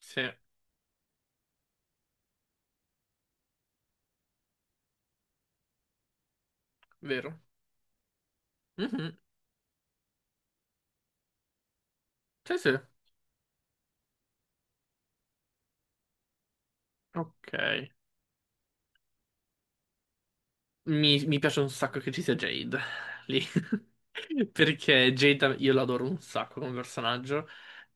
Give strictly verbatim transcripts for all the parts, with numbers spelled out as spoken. Sì, vero. Mhm. Sì, sì. Ok. Mi, mi piace un sacco che ci sia Jade lì. Perché Jade io l'adoro un sacco come personaggio.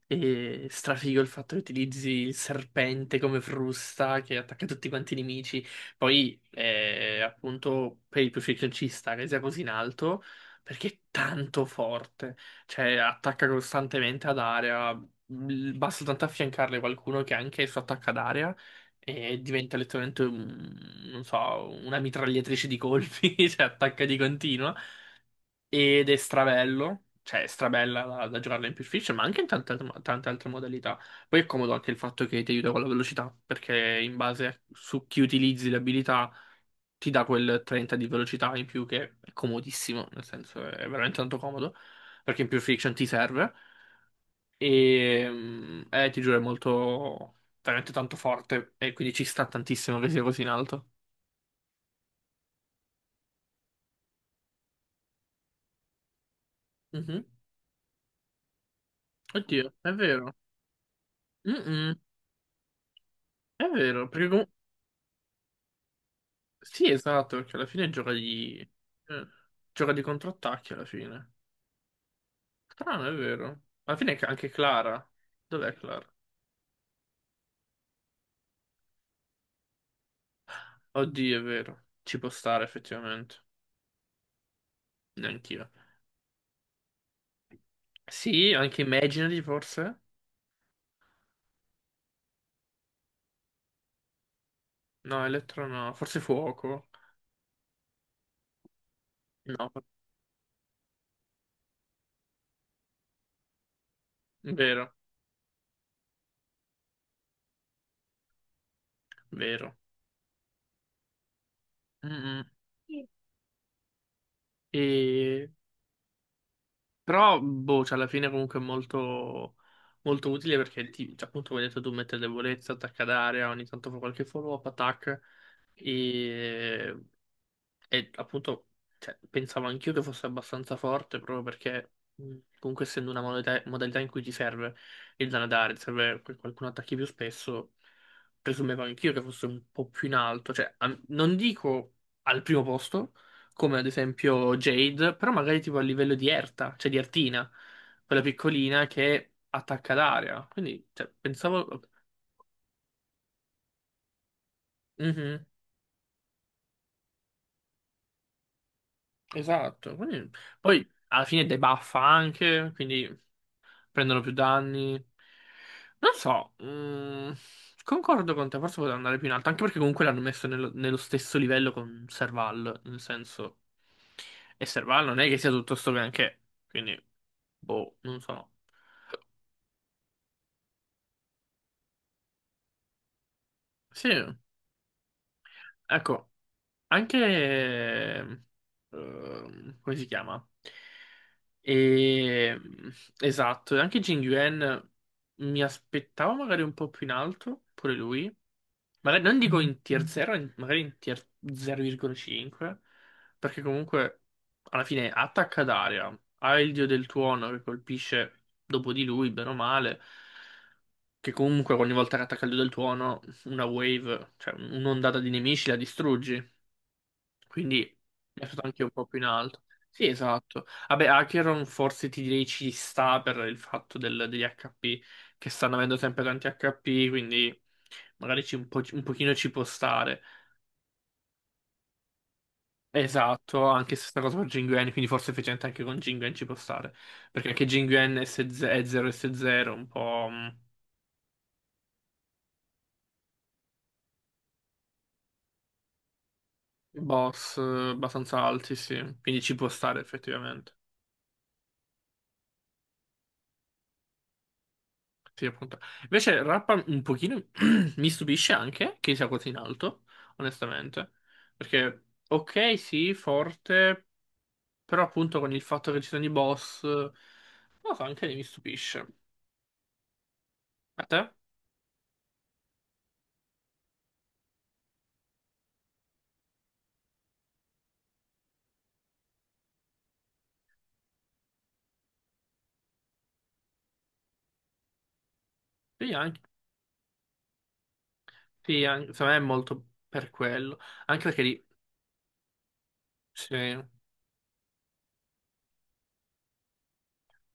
E strafigo il fatto che utilizzi il serpente come frusta che attacca tutti quanti i nemici. Poi, eh, appunto, per il crucifix ci sta che sia così in alto. Perché è tanto forte. Cioè, attacca costantemente ad area. L- Basta tanto affiancarle qualcuno che anche il suo attacco ad area. E diventa letteralmente, un- non so, una mitragliatrice di colpi, cioè attacca di continuo, ed è strabello, cioè è strabella da, da giocarla in Pulp Fiction, ma anche in tante, altre tante altre modalità. Poi è comodo anche il fatto che ti aiuta con la velocità, perché in base a- su chi utilizzi le abilità ti dà quel trenta di velocità in più che è comodissimo, nel senso è veramente tanto comodo, perché in Pulp Fiction ti serve. E mm, eh, ti giuro, è molto veramente tanto forte. E quindi ci sta tantissimo che sia così in alto. Mhm. Oddio, è vero. Mm-mm. È vero, perché com- sì, esatto, perché alla fine gioca di eh, gioca di contrattacchi alla fine. Strano, è vero. Alla fine ca- anche Clara. Dov'è Clara? Oddio, è vero. Ci può stare effettivamente. Neanch'io. Sì, anche Imaginary forse? No, Electro no, forse Fuoco. No, vero, vero. Mm-mm. Sì. E- Però, boh, cioè, alla fine comunque è molto, molto utile perché, ti, cioè, appunto, come hai detto tu, mette debolezza, attacca ad area, ogni tanto fa qualche follow-up attack. E E appunto cioè, pensavo anch'io che fosse abbastanza forte proprio perché mh, comunque essendo una modalità, modalità in cui ti serve il danadare, ti serve che qualcuno attacchi più spesso, presumevo anch'io che fosse un po' più in alto, cioè a- non dico al primo posto, come ad esempio Jade, però magari tipo a livello di Erta, cioè di Ertina, quella piccolina che attacca d'aria. Quindi cioè, pensavo... Mhm, esatto, quindi poi alla fine debuffa anche, quindi... Prendono più danni. Non so, mm, concordo con te, forse poteva andare più in alto, anche perché comunque l'hanno messo nello, nello stesso livello con Serval, nel senso, e Serval non è che sia tutto sto granché, quindi, boh, non so. Sì, ecco. Anche, ehm, come si chiama? E, esatto, e anche Jin Yuan mi aspettavo magari un po' più in alto, pure lui. Magari non dico in tier zero, in- magari in tier zero virgola cinque, perché comunque alla fine attacca d'aria, ha il dio del tuono che colpisce dopo di lui, bene o male, che comunque ogni volta che attacca il dio del tuono, una wave, cioè un'ondata di nemici la distruggi. Quindi è stato anche un po' più in alto. Sì, esatto. Vabbè, Acheron forse ti direi ci sta per il fatto del- degli H P, che stanno avendo sempre tanti H P, quindi magari ci- un po', un pochino ci può stare. Esatto, anche se sta cosa per Jinguen, quindi forse effettivamente anche con Jinguen ci può stare. Perché anche Jinguen è zero S zero, un po' mh, boss eh, abbastanza alti, sì. Quindi ci può stare effettivamente. Sì, appunto. Invece Rappa un pochino mi stupisce anche che sia così in alto, onestamente. Perché, ok, sì, forte, però appunto con il fatto che ci sono i boss, non lo so, anche lì mi stupisce. A te? Sì, anche, sì, an- secondo me è molto per quello. Anche perché lì, sì.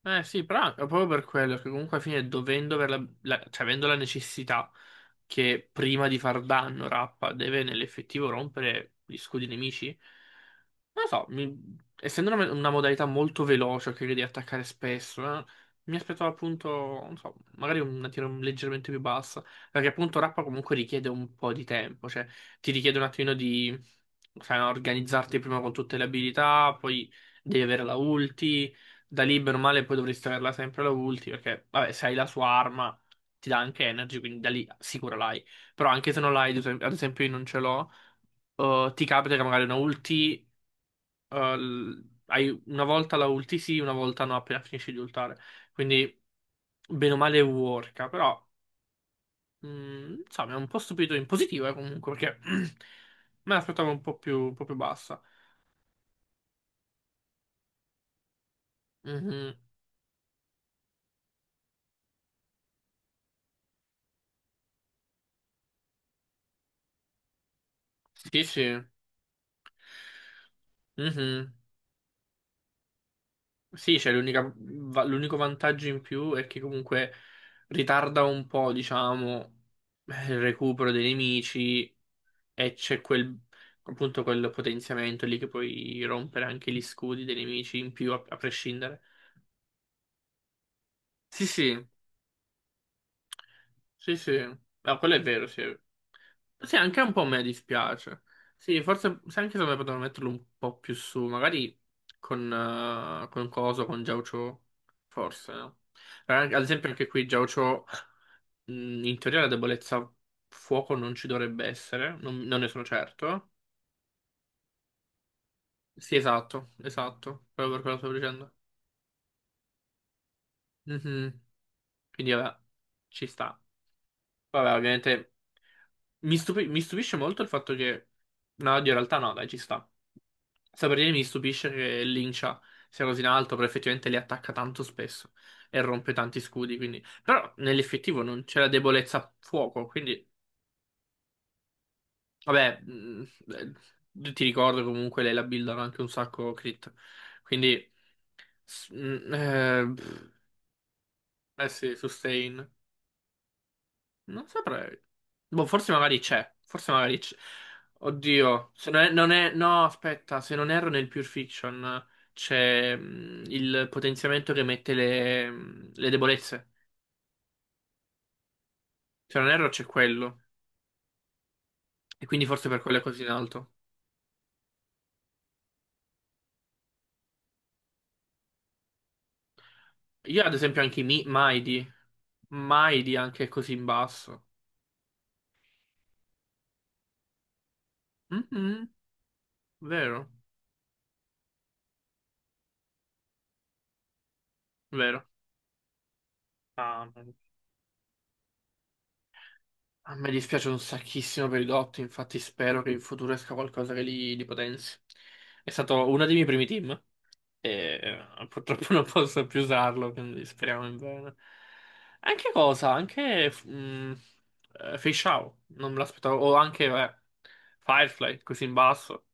Eh sì, però è proprio per quello che comunque alla fine dovendo aver la- la- cioè avendo la necessità che prima di far danno Rappa deve nell'effettivo rompere gli scudi nemici, non lo so, mi- essendo una, una modalità molto veloce che devi attaccare spesso, eh, mi aspettavo appunto, non so, magari una tiro leggermente più bassa, perché appunto Rappa comunque richiede un po' di tempo, cioè ti richiede un attimino di sai, no, organizzarti prima con tutte le abilità, poi devi avere la ulti, da lì bene o male poi dovresti averla sempre la ulti, perché vabbè, se hai la sua arma ti dà anche energy, quindi da lì sicuro l'hai. Però anche se non l'hai, ad esem- ad esempio io non ce l'ho, eh, ti capita che magari una ulti, eh, l- hai una volta la ulti sì, una volta no, appena finisci di ultare. Quindi bene o male worka, però mh, insomma è un po' stupito in positivo, eh, comunque, perché me l'aspettavo un po' più, un po' più bassa. Mhm. Sì, sì. Mhm. Sì, c'è l'unica- va- l'unico vantaggio in più è che comunque ritarda un po', diciamo, eh, il recupero dei nemici e c'è quel, appunto, quel potenziamento lì che puoi rompere anche gli scudi dei nemici in più, a, a prescindere. Sì, sì. Sì, sì, no, quello è vero, sì. Sì, anche un po' a me dispiace. Sì, forse se anche se me potevano metterlo un po' più su, magari con, eh, con Coso, con Jaucho, forse, no? Eh, Ad esempio anche qui Jaucho, mh, in teoria la debolezza fuoco non ci dovrebbe essere, non, non ne sono certo. Sì, esatto, esatto, proprio per quello che stavo dicendo. Mhm. Quindi vabbè, ci sta. Vabbè, ovviamente. Mi stupi- mi stupisce molto il fatto che... No, oddio, in realtà no, dai, ci sta. Sta per dire mi stupisce che Lincia sia così in alto, però effettivamente li attacca tanto spesso e rompe tanti scudi, quindi... Però nell'effettivo non c'è la debolezza a fuoco, quindi... Vabbè, mh, eh, ti ricordo comunque lei la buildano anche un sacco crit, quindi... s- mh, eh, pff, eh sì, sustain. Non saprei. Boh, forse magari c'è. Forse magari c'è. Oddio, se non è, non è- no, aspetta, se non erro nel Pure Fiction c'è mh, il potenziamento che mette le, mh, le debolezze. Se non erro c'è quello. E quindi forse per quello è così in alto. Io ad esempio anche i Mi- Maidi. Maidi anche è così in basso. Mhm. Vero, vero. Ah, a me dispiace un sacchissimo per i Dot, infatti spero che in futuro esca qualcosa che li, li potenzi. È stato uno dei miei primi team e eh, purtroppo non posso più usarlo, quindi speriamo in bene. Anche cosa? Anche mm, eh, Fei Shao, non me l'aspettavo. O anche vabbè, Firefly, così in basso.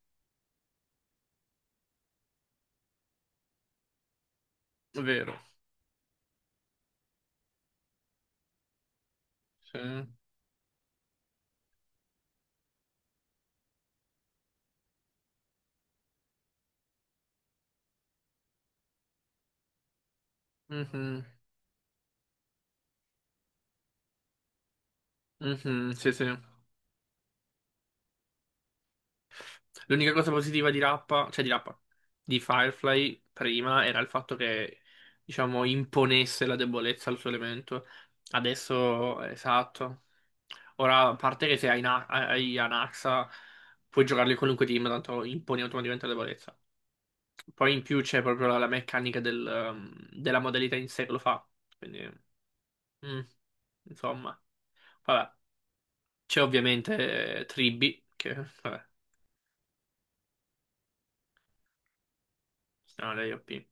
È vero. Sì. Mhm. Mhm. Sì, sì. L'unica cosa positiva di Rappa, cioè di Rappa, di Firefly prima era il fatto che, diciamo, imponesse la debolezza al suo elemento. Adesso, esatto. Ora, a parte che se hai, Na- hai Anaxa, puoi giocarli in qualunque team, tanto imponi automaticamente la debolezza. Poi in più c'è proprio la, la meccanica del, um, della modalità in sé che lo fa. Quindi, mm, insomma, vabbè. C'è ovviamente eh, Tribi, che, vabbè, sono le O P.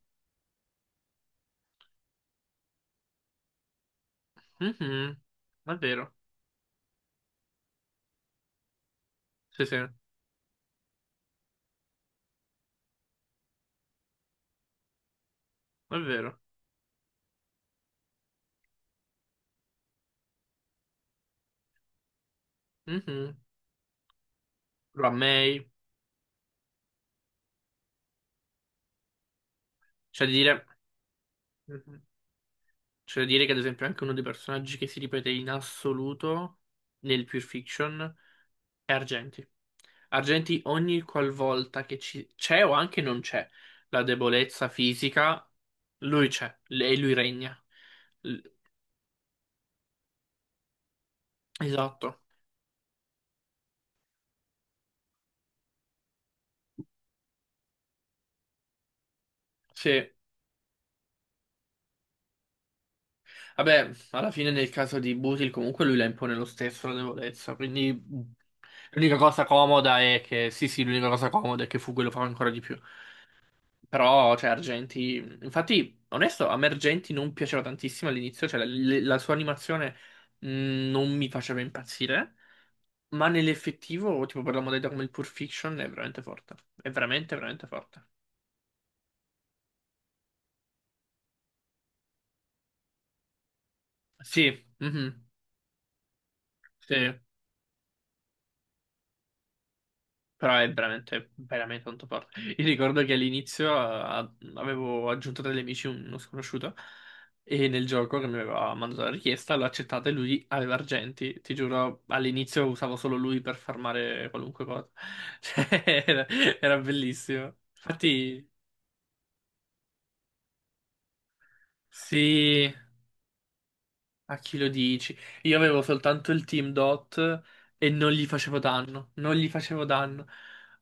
Mhm. È vero. Sì, sì, è vero. Mhm. Però a me c'è da dire, Mhm, c'è da dire che ad esempio anche uno dei personaggi che si ripete in assoluto nel Pure Fiction è Argenti. Argenti ogni qualvolta che ci- c'è o anche non c'è la debolezza fisica, lui c'è l- e lui regna. L- Esatto. Sì. Vabbè, alla fine nel caso di Butil comunque lui la impone lo stesso la debolezza, quindi mh, l'unica cosa comoda è che, sì sì, l'unica cosa comoda è che Fugue lo fa ancora di più. Però, cioè, Argenti, infatti, onesto, a me Argenti non piaceva tantissimo all'inizio, cioè la, le- la sua animazione mh, non mi faceva impazzire, ma nell'effettivo, tipo per la modalità come il Pulp Fiction, è veramente forte, è veramente, veramente forte. Sì, mhm, sì. Però è veramente, veramente tanto forte. Io ricordo che all'inizio eh, avevo aggiunto tra gli amici uno sconosciuto e nel gioco che mi aveva mandato la richiesta l'ho accettata e lui aveva argenti. Ti giuro, all'inizio usavo solo lui per farmare qualunque cosa. Cioè, era, era bellissimo. Infatti, sì. A chi lo dici? Io avevo soltanto il Team Dot e non gli facevo danno, non gli facevo danno.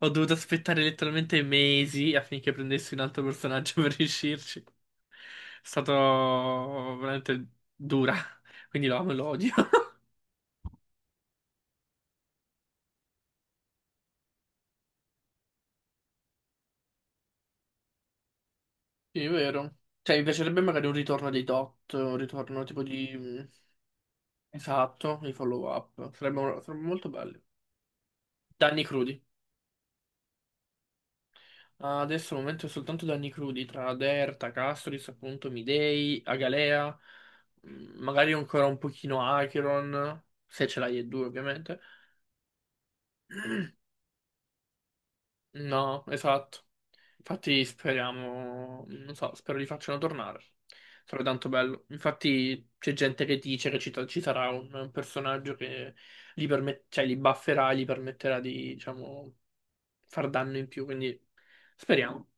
Ho dovuto aspettare letteralmente mesi affinché prendessi un altro personaggio per riuscirci. È stato veramente dura, quindi lo amo e lo odio. Sì, è vero. Cioè, mi piacerebbe magari un ritorno dei Dot, un ritorno tipo di... Esatto, i follow-up. Sarebbero sarebbero molto belli. Danni crudi. Ah, adesso al momento è soltanto danni crudi tra Derta, Castoris, appunto, Midei, Agalea, mm, magari ancora un pochino Acheron, se ce l'hai e due ovviamente. No, esatto. Infatti speriamo, non so, spero li facciano tornare. Sarebbe tanto bello. Infatti c'è gente che dice che ci, ci sarà un, un personaggio che li, permet- cioè, li bufferà, gli permetterà di, diciamo, far danno in più, quindi speriamo.